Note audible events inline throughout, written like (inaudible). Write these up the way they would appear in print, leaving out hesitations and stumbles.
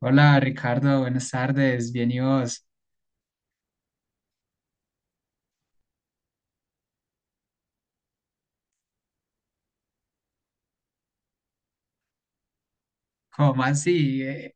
Hola Ricardo, buenas tardes, bien y vos. ¿Cómo así? Eh,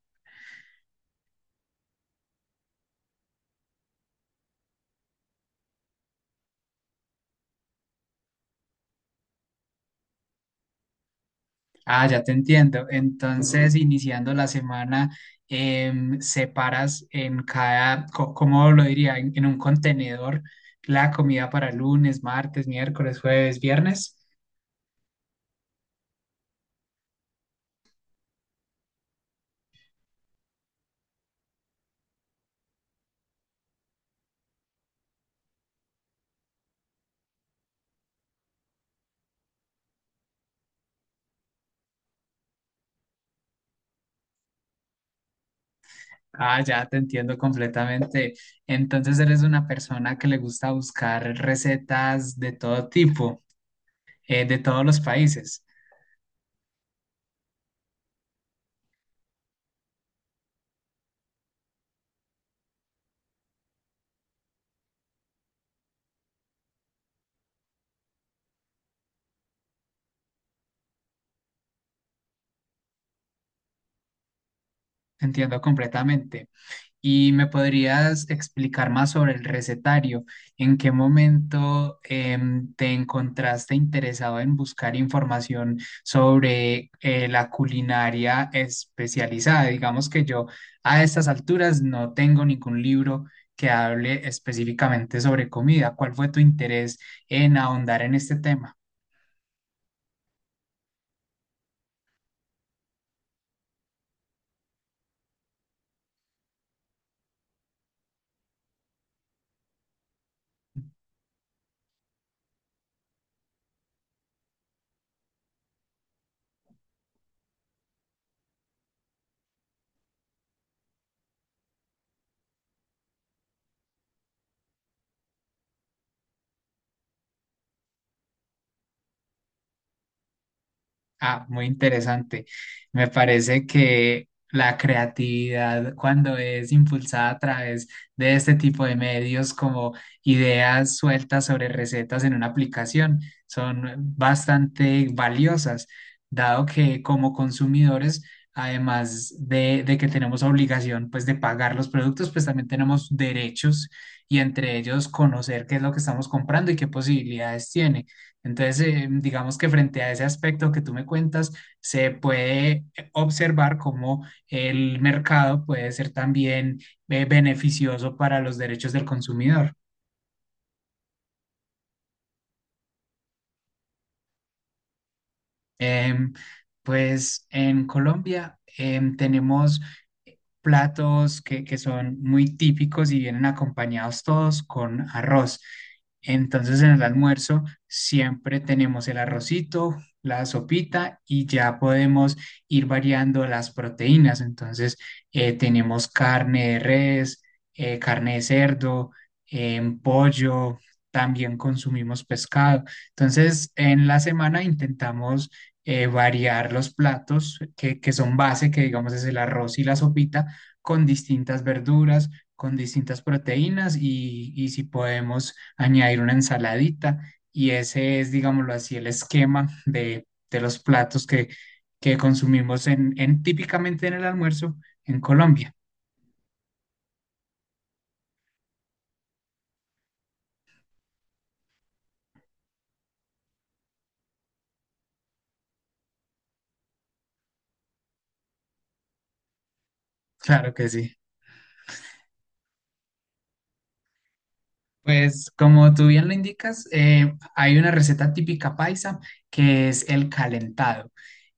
ah, Ya te entiendo. Entonces, iniciando la semana, separas en ¿cómo lo diría? En un contenedor la comida para lunes, martes, miércoles, jueves, viernes. Ah, ya te entiendo completamente. Entonces, eres una persona que le gusta buscar recetas de todo tipo, de todos los países. Entiendo completamente. ¿Y me podrías explicar más sobre el recetario? ¿En qué momento te encontraste interesado en buscar información sobre la culinaria especializada? Digamos que yo a estas alturas no tengo ningún libro que hable específicamente sobre comida. ¿Cuál fue tu interés en ahondar en este tema? Ah, muy interesante. Me parece que la creatividad, cuando es impulsada a través de este tipo de medios, como ideas sueltas sobre recetas en una aplicación, son bastante valiosas, dado que como consumidores, además de que tenemos obligación pues de pagar los productos, pues también tenemos derechos y entre ellos conocer qué es lo que estamos comprando y qué posibilidades tiene. Entonces, digamos que frente a ese aspecto que tú me cuentas, se puede observar cómo el mercado puede ser también beneficioso para los derechos del consumidor. Em, pues en Colombia tenemos platos que son muy típicos y vienen acompañados todos con arroz. Entonces en el almuerzo siempre tenemos el arrocito, la sopita y ya podemos ir variando las proteínas. Entonces tenemos carne de res, carne de cerdo, pollo, también consumimos pescado. Entonces en la semana intentamos variar los platos que son base, que digamos es el arroz y la sopita, con distintas verduras, con distintas proteínas y, si podemos añadir una ensaladita. Y ese es, digámoslo así, el esquema de los platos que consumimos en típicamente en el almuerzo en Colombia. Claro que sí. Pues como tú bien lo indicas, hay una receta típica paisa que es el calentado.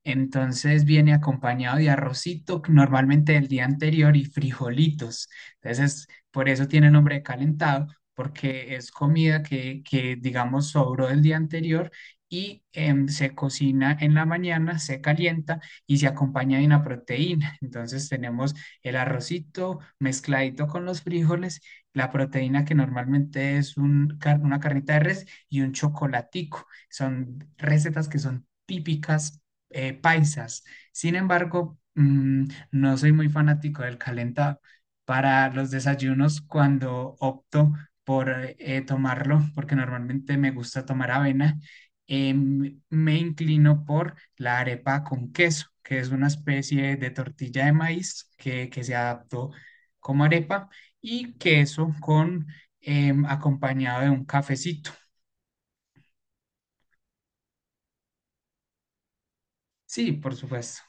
Entonces viene acompañado de arrocito, normalmente del día anterior, y frijolitos. Entonces, por eso tiene el nombre de calentado, porque es comida que digamos, sobró del día anterior y se cocina en la mañana, se calienta y se acompaña de una proteína. Entonces tenemos el arrocito mezcladito con los frijoles, la proteína que normalmente es una carnita de res y un chocolatico. Son recetas que son típicas paisas. Sin embargo, no soy muy fanático del calentado. Para los desayunos, cuando opto por tomarlo, porque normalmente me gusta tomar avena, me inclino por la arepa con queso, que es una especie de tortilla de maíz que se adaptó como arepa y queso con acompañado de un cafecito. Sí, por supuesto.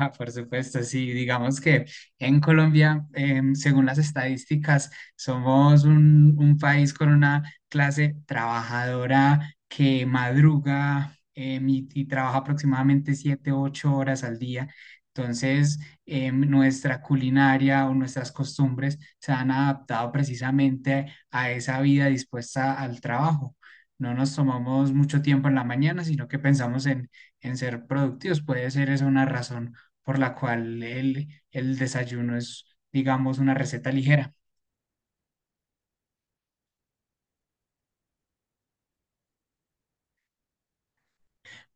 Ah, por supuesto, sí, digamos que en Colombia, según las estadísticas, somos un país con una clase trabajadora que madruga y trabaja aproximadamente 7 u 8 horas al día. Entonces, nuestra culinaria o nuestras costumbres se han adaptado precisamente a esa vida dispuesta al trabajo. No nos tomamos mucho tiempo en la mañana, sino que pensamos en ser productivos. Puede ser esa una razón por la cual el desayuno es, digamos, una receta ligera.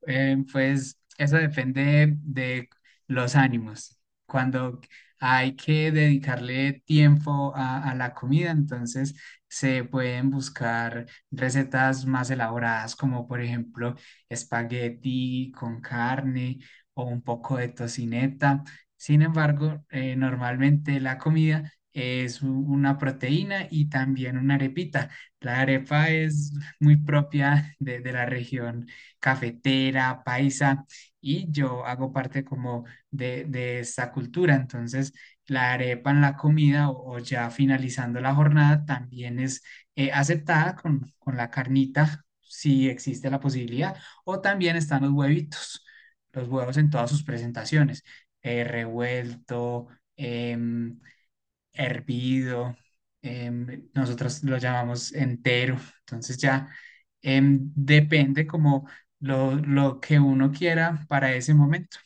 Pues eso depende de los ánimos. Cuando hay que dedicarle tiempo a la comida, entonces se pueden buscar recetas más elaboradas, como por ejemplo espagueti con carne o un poco de tocineta. Sin embargo, normalmente la comida es una proteína y también una arepita. La arepa es muy propia de la región cafetera, paisa, y yo hago parte como de esta cultura. Entonces, la arepa en la comida o ya finalizando la jornada también es aceptada con la carnita, si existe la posibilidad, o también están los huevitos, los huevos en todas sus presentaciones, revuelto. em, hervido, nosotros lo llamamos entero, entonces ya depende como lo que uno quiera para ese momento.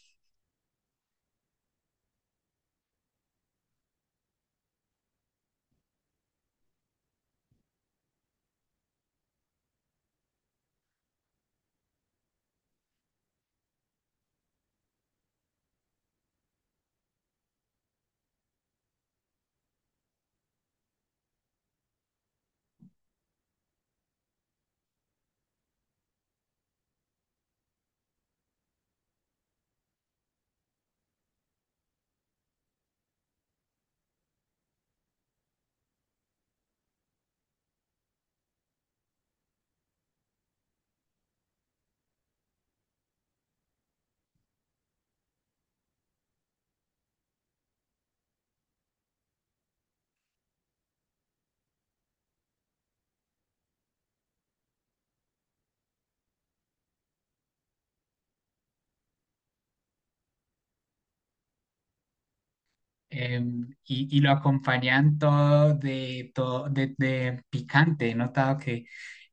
Y lo acompañan todo de picante. He notado que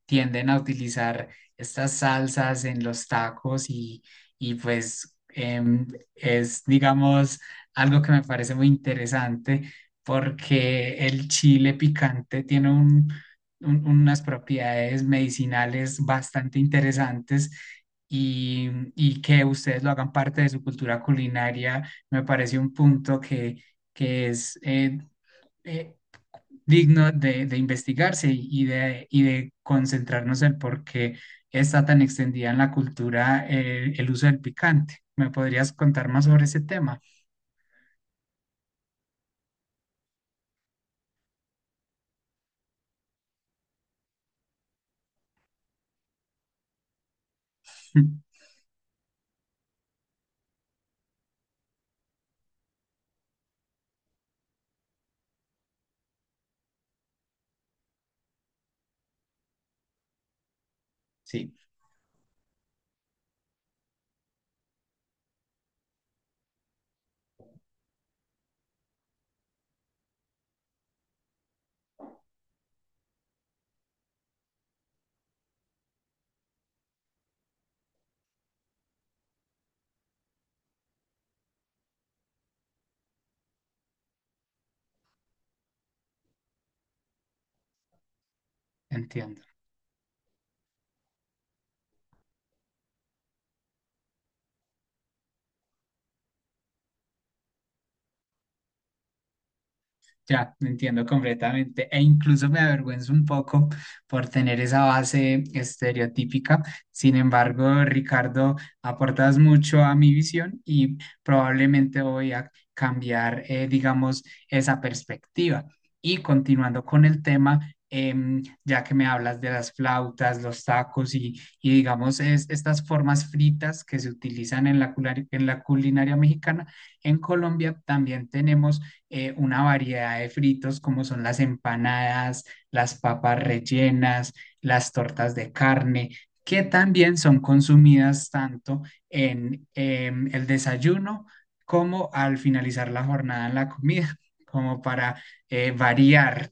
tienden a utilizar estas salsas en los tacos y pues es, digamos, algo que me parece muy interesante porque el chile picante tiene unas propiedades medicinales bastante interesantes. Y que ustedes lo hagan parte de su cultura culinaria, me parece un punto que es eh, digno de investigarse y y de concentrarnos en por qué está tan extendida en la cultura el uso del picante. ¿Me podrías contar más sobre ese tema? (laughs) Sí, entiendo. Ya, entiendo completamente. E incluso me avergüenzo un poco por tener esa base estereotípica. Sin embargo, Ricardo, aportas mucho a mi visión y probablemente voy a cambiar, digamos, esa perspectiva. Y continuando con el tema, ya que me hablas de las flautas, los tacos y digamos, estas formas fritas que se utilizan en en la culinaria mexicana, en Colombia también tenemos una variedad de fritos como son las empanadas, las papas rellenas, las tortas de carne, que también son consumidas tanto en el desayuno como al finalizar la jornada en la comida, (laughs) como para variar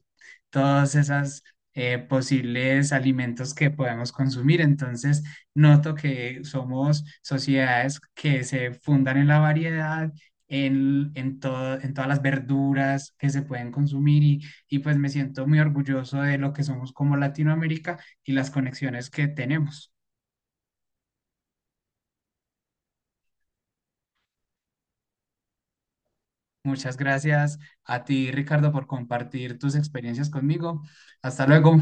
todos esos posibles alimentos que podemos consumir. Entonces, noto que somos sociedades que se fundan en la variedad en todas las verduras que se pueden consumir y pues me siento muy orgulloso de lo que somos como Latinoamérica y las conexiones que tenemos. Muchas gracias a ti, Ricardo, por compartir tus experiencias conmigo. Hasta luego.